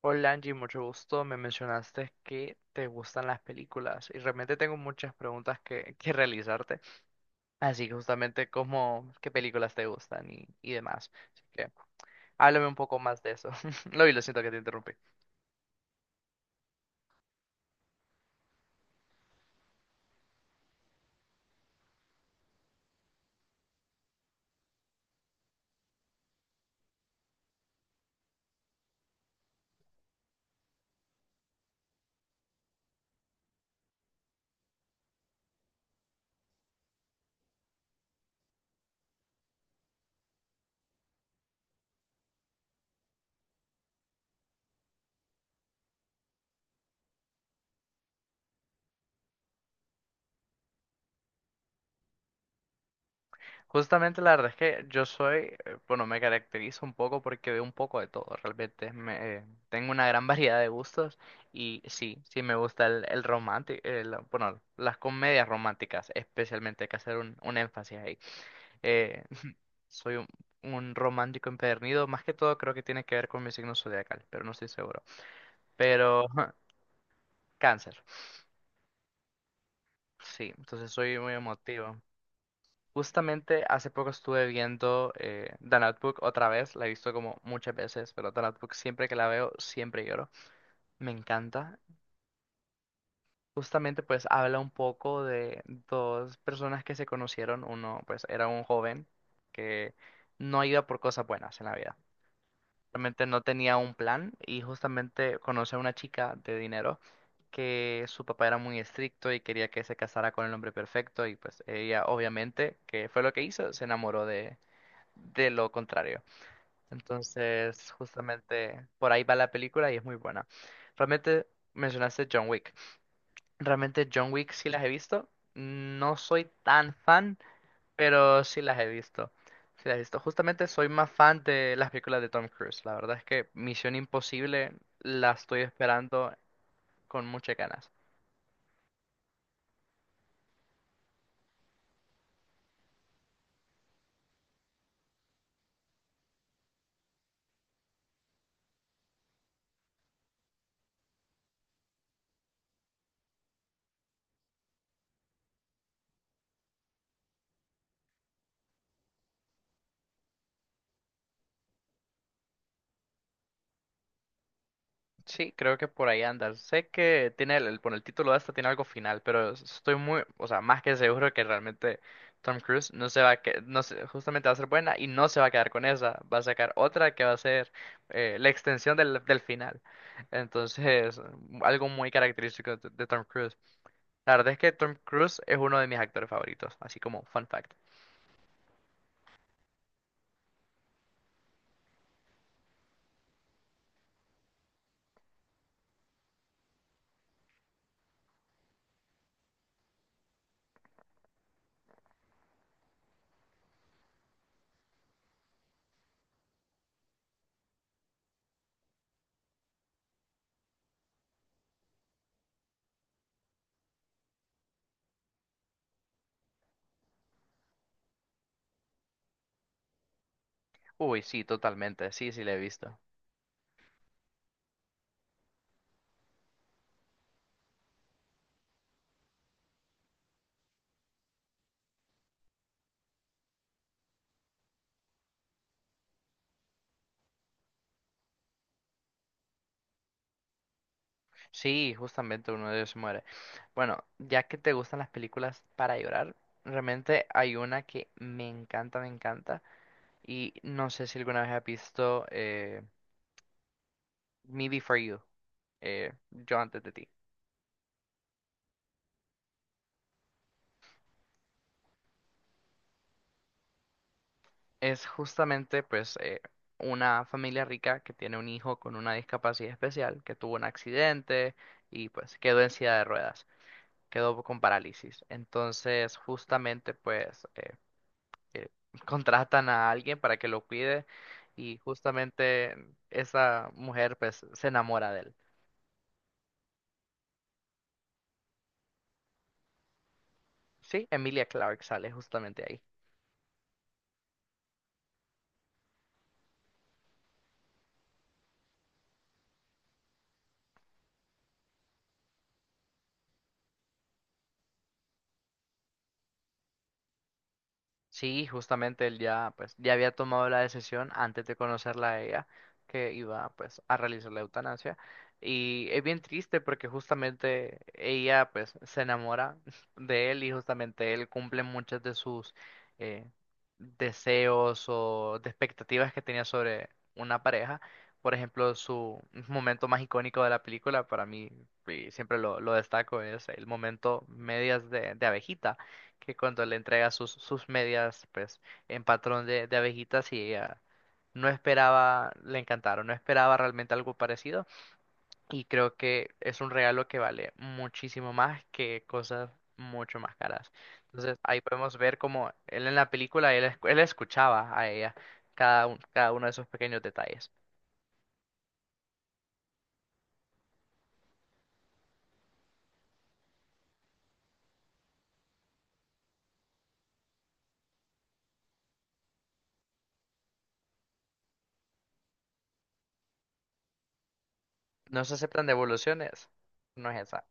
Hola Angie, mucho gusto. Me mencionaste que te gustan las películas y realmente tengo muchas preguntas que realizarte. Así que justamente como qué películas te gustan y demás. Así que háblame un poco más de eso. Lo vi, lo siento que te interrumpí. Justamente la verdad es que yo soy, bueno, me caracterizo un poco porque veo un poco de todo. Realmente tengo una gran variedad de gustos y sí, sí me gusta el romántico, bueno, las comedias románticas, especialmente hay que hacer un énfasis ahí. Eh, Soy un romántico empedernido. Más que todo creo que tiene que ver con mi signo zodiacal, pero no estoy seguro. Pero cáncer. Sí, entonces soy muy emotivo. Justamente hace poco estuve viendo The Notebook otra vez. La he visto como muchas veces, pero The Notebook siempre que la veo, siempre lloro. Me encanta. Justamente pues habla un poco de dos personas que se conocieron. Uno pues era un joven que no iba por cosas buenas en la vida. Realmente no tenía un plan y justamente conocí a una chica de dinero que su papá era muy estricto y quería que se casara con el hombre perfecto y pues ella obviamente, que fue lo que hizo, se enamoró de lo contrario. Entonces, justamente por ahí va la película y es muy buena. Realmente mencionaste John Wick. Realmente John Wick sí las he visto. No soy tan fan, pero sí las he visto. Sí las he visto. Justamente soy más fan de las películas de Tom Cruise. La verdad es que Misión Imposible la estoy esperando con muchas ganas. Sí, creo que por ahí anda. Sé que tiene por el título de esta tiene algo final, pero estoy muy, o sea, más que seguro que realmente Tom Cruise no se va a no se- justamente va a ser buena y no se va a quedar con esa. Va a sacar otra que va a ser la extensión del final. Entonces, algo muy característico de Tom Cruise. La verdad es que Tom Cruise es uno de mis actores favoritos, así como fun fact. Uy, sí, totalmente, sí, sí, le he visto. Sí, justamente uno de ellos se muere. Bueno, ya que te gustan las películas para llorar, realmente hay una que me encanta, me encanta. Y no sé si alguna vez has visto Me Before You, Yo antes de ti. Es justamente, pues, una familia rica que tiene un hijo con una discapacidad especial, que tuvo un accidente y pues quedó en silla de ruedas. Quedó con parálisis. Entonces, justamente, pues, eh, contratan a alguien para que lo cuide y justamente esa mujer, pues, se enamora de él. Sí, Emilia Clarke sale justamente ahí. Sí, justamente él ya, pues, ya había tomado la decisión antes de conocerla a ella que iba, pues, a realizar la eutanasia. Y es bien triste porque justamente ella, pues, se enamora de él y justamente él cumple muchas de sus eh, deseos o de expectativas que tenía sobre una pareja. Por ejemplo, su momento más icónico de la película, para mí, y siempre lo destaco, es el momento medias de abejita que cuando le entrega sus medias, pues, en patrón de abejitas y ella no esperaba, le encantaron, no esperaba realmente algo parecido y creo que es un regalo que vale muchísimo más que cosas mucho más caras. Entonces ahí podemos ver como él en la película, él escuchaba a ella cada uno de esos pequeños detalles. No se aceptan devoluciones, no es esa.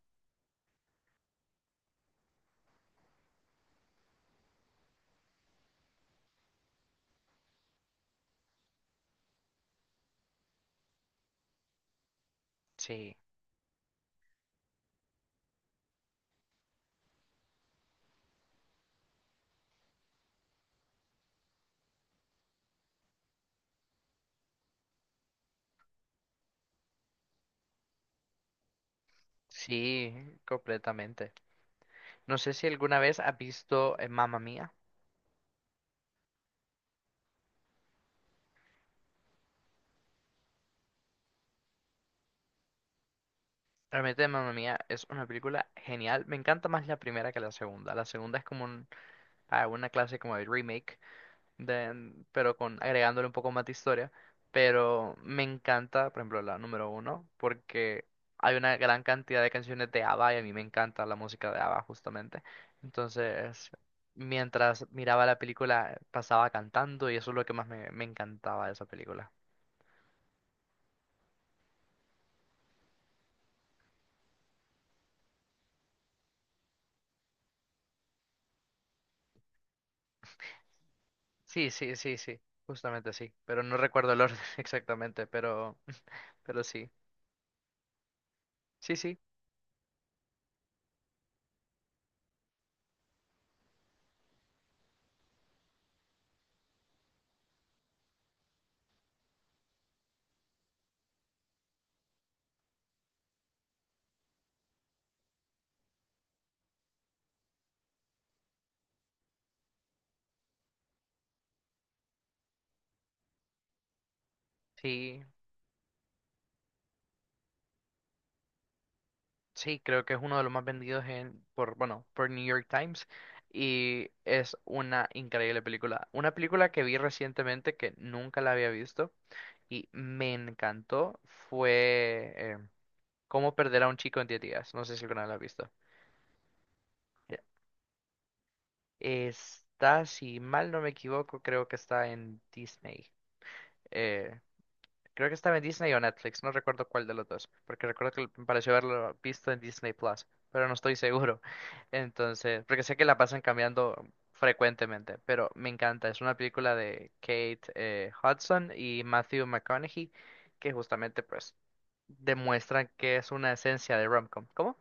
Sí, sí, completamente. No sé si alguna vez has visto Mamma Mía. Realmente Mamma Mía es una película genial. Me encanta más la primera que la segunda. Ah, una clase como de remake, pero con agregándole un poco más de historia. Pero me encanta, por ejemplo, la número uno, porque hay una gran cantidad de canciones de ABBA y a mí me encanta la música de ABBA justamente. Entonces, mientras miraba la película, pasaba cantando y eso es lo que más me encantaba de esa película. Sí, sí, sí, sí, justamente sí. Pero no recuerdo el orden exactamente, pero... Pero sí, sí, sí, sí, sí, creo que es uno de los más vendidos en, por, bueno, por New York Times y es una increíble película. Una película que vi recientemente que nunca la había visto y me encantó fue Cómo perder a un chico en 10 días. No sé si alguna vez la has visto. Mira, está, si mal no me equivoco, creo que está en Disney. Eh, Creo que estaba en Disney o Netflix, no recuerdo cuál de los dos, porque recuerdo que me pareció haberlo visto en Disney Plus, pero no estoy seguro. Entonces, porque sé que la pasan cambiando frecuentemente, pero me encanta. Es una película de Kate Hudson y Matthew McConaughey que justamente pues demuestran que es una esencia de romcom. ¿Cómo?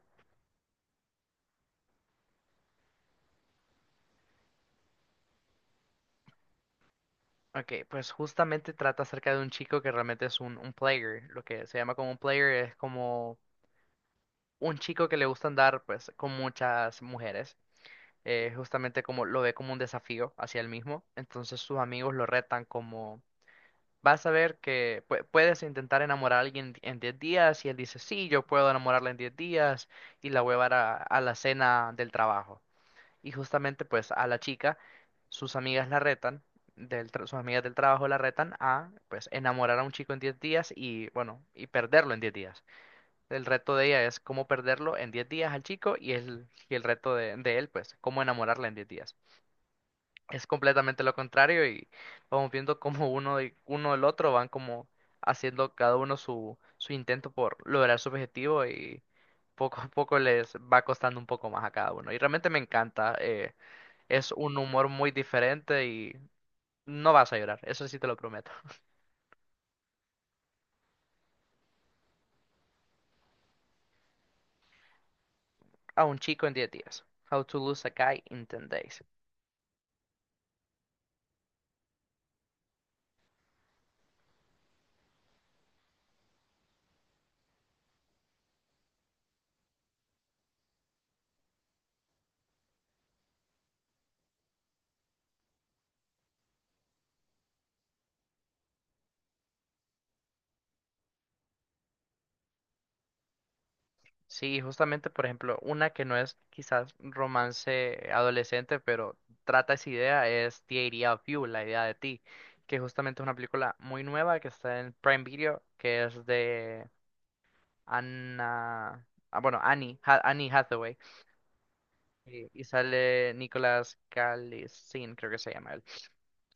Ok, pues justamente trata acerca de un chico que realmente es un player. Lo que se llama como un player es como un chico que le gusta andar pues con muchas mujeres justamente como lo ve como un desafío hacia él mismo. Entonces sus amigos lo retan como, vas a ver que puedes intentar enamorar a alguien en 10 días y él dice, sí, yo puedo enamorarla en 10 días y la voy a llevar a la cena del trabajo. Y justamente pues a la chica, sus amigas la retan. Sus amigas del trabajo la retan a pues enamorar a un chico en 10 días y bueno y perderlo en 10 días. El reto de ella es cómo perderlo en 10 días al chico y y el reto de él pues cómo enamorarla en 10 días es completamente lo contrario y vamos viendo cómo uno de uno del otro van como haciendo cada uno su intento por lograr su objetivo y poco a poco les va costando un poco más a cada uno. Y realmente me encanta, es un humor muy diferente y no vas a llorar, eso sí te lo prometo. A un chico en 10 días. How to lose a guy in 10 days. Sí, justamente, por ejemplo, una que no es quizás romance adolescente, pero trata esa idea, es The Idea of You, la idea de ti, que justamente es una película muy nueva que está en Prime Video, que es de Anna, ah, bueno, Annie Hathaway, y sale Nicolas Calisin, creo que se llama él.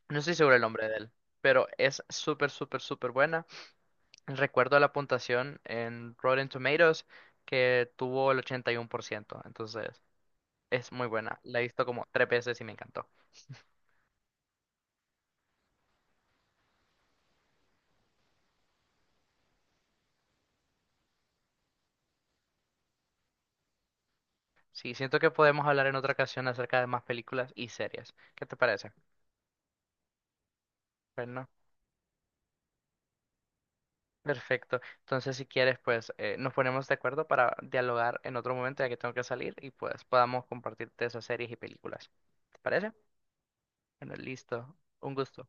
No estoy seguro el nombre de él, pero es súper, súper, súper buena. Recuerdo la puntuación en Rotten Tomatoes que tuvo el 81%, entonces... Es muy buena. La he visto como tres veces y me encantó. Sí, siento que podemos hablar en otra ocasión acerca de más películas y series. ¿Qué te parece? Bueno, perfecto. Entonces, si quieres, pues nos ponemos de acuerdo para dialogar en otro momento ya que tengo que salir y pues podamos compartirte esas series y películas. ¿Te parece? Bueno, listo. Un gusto.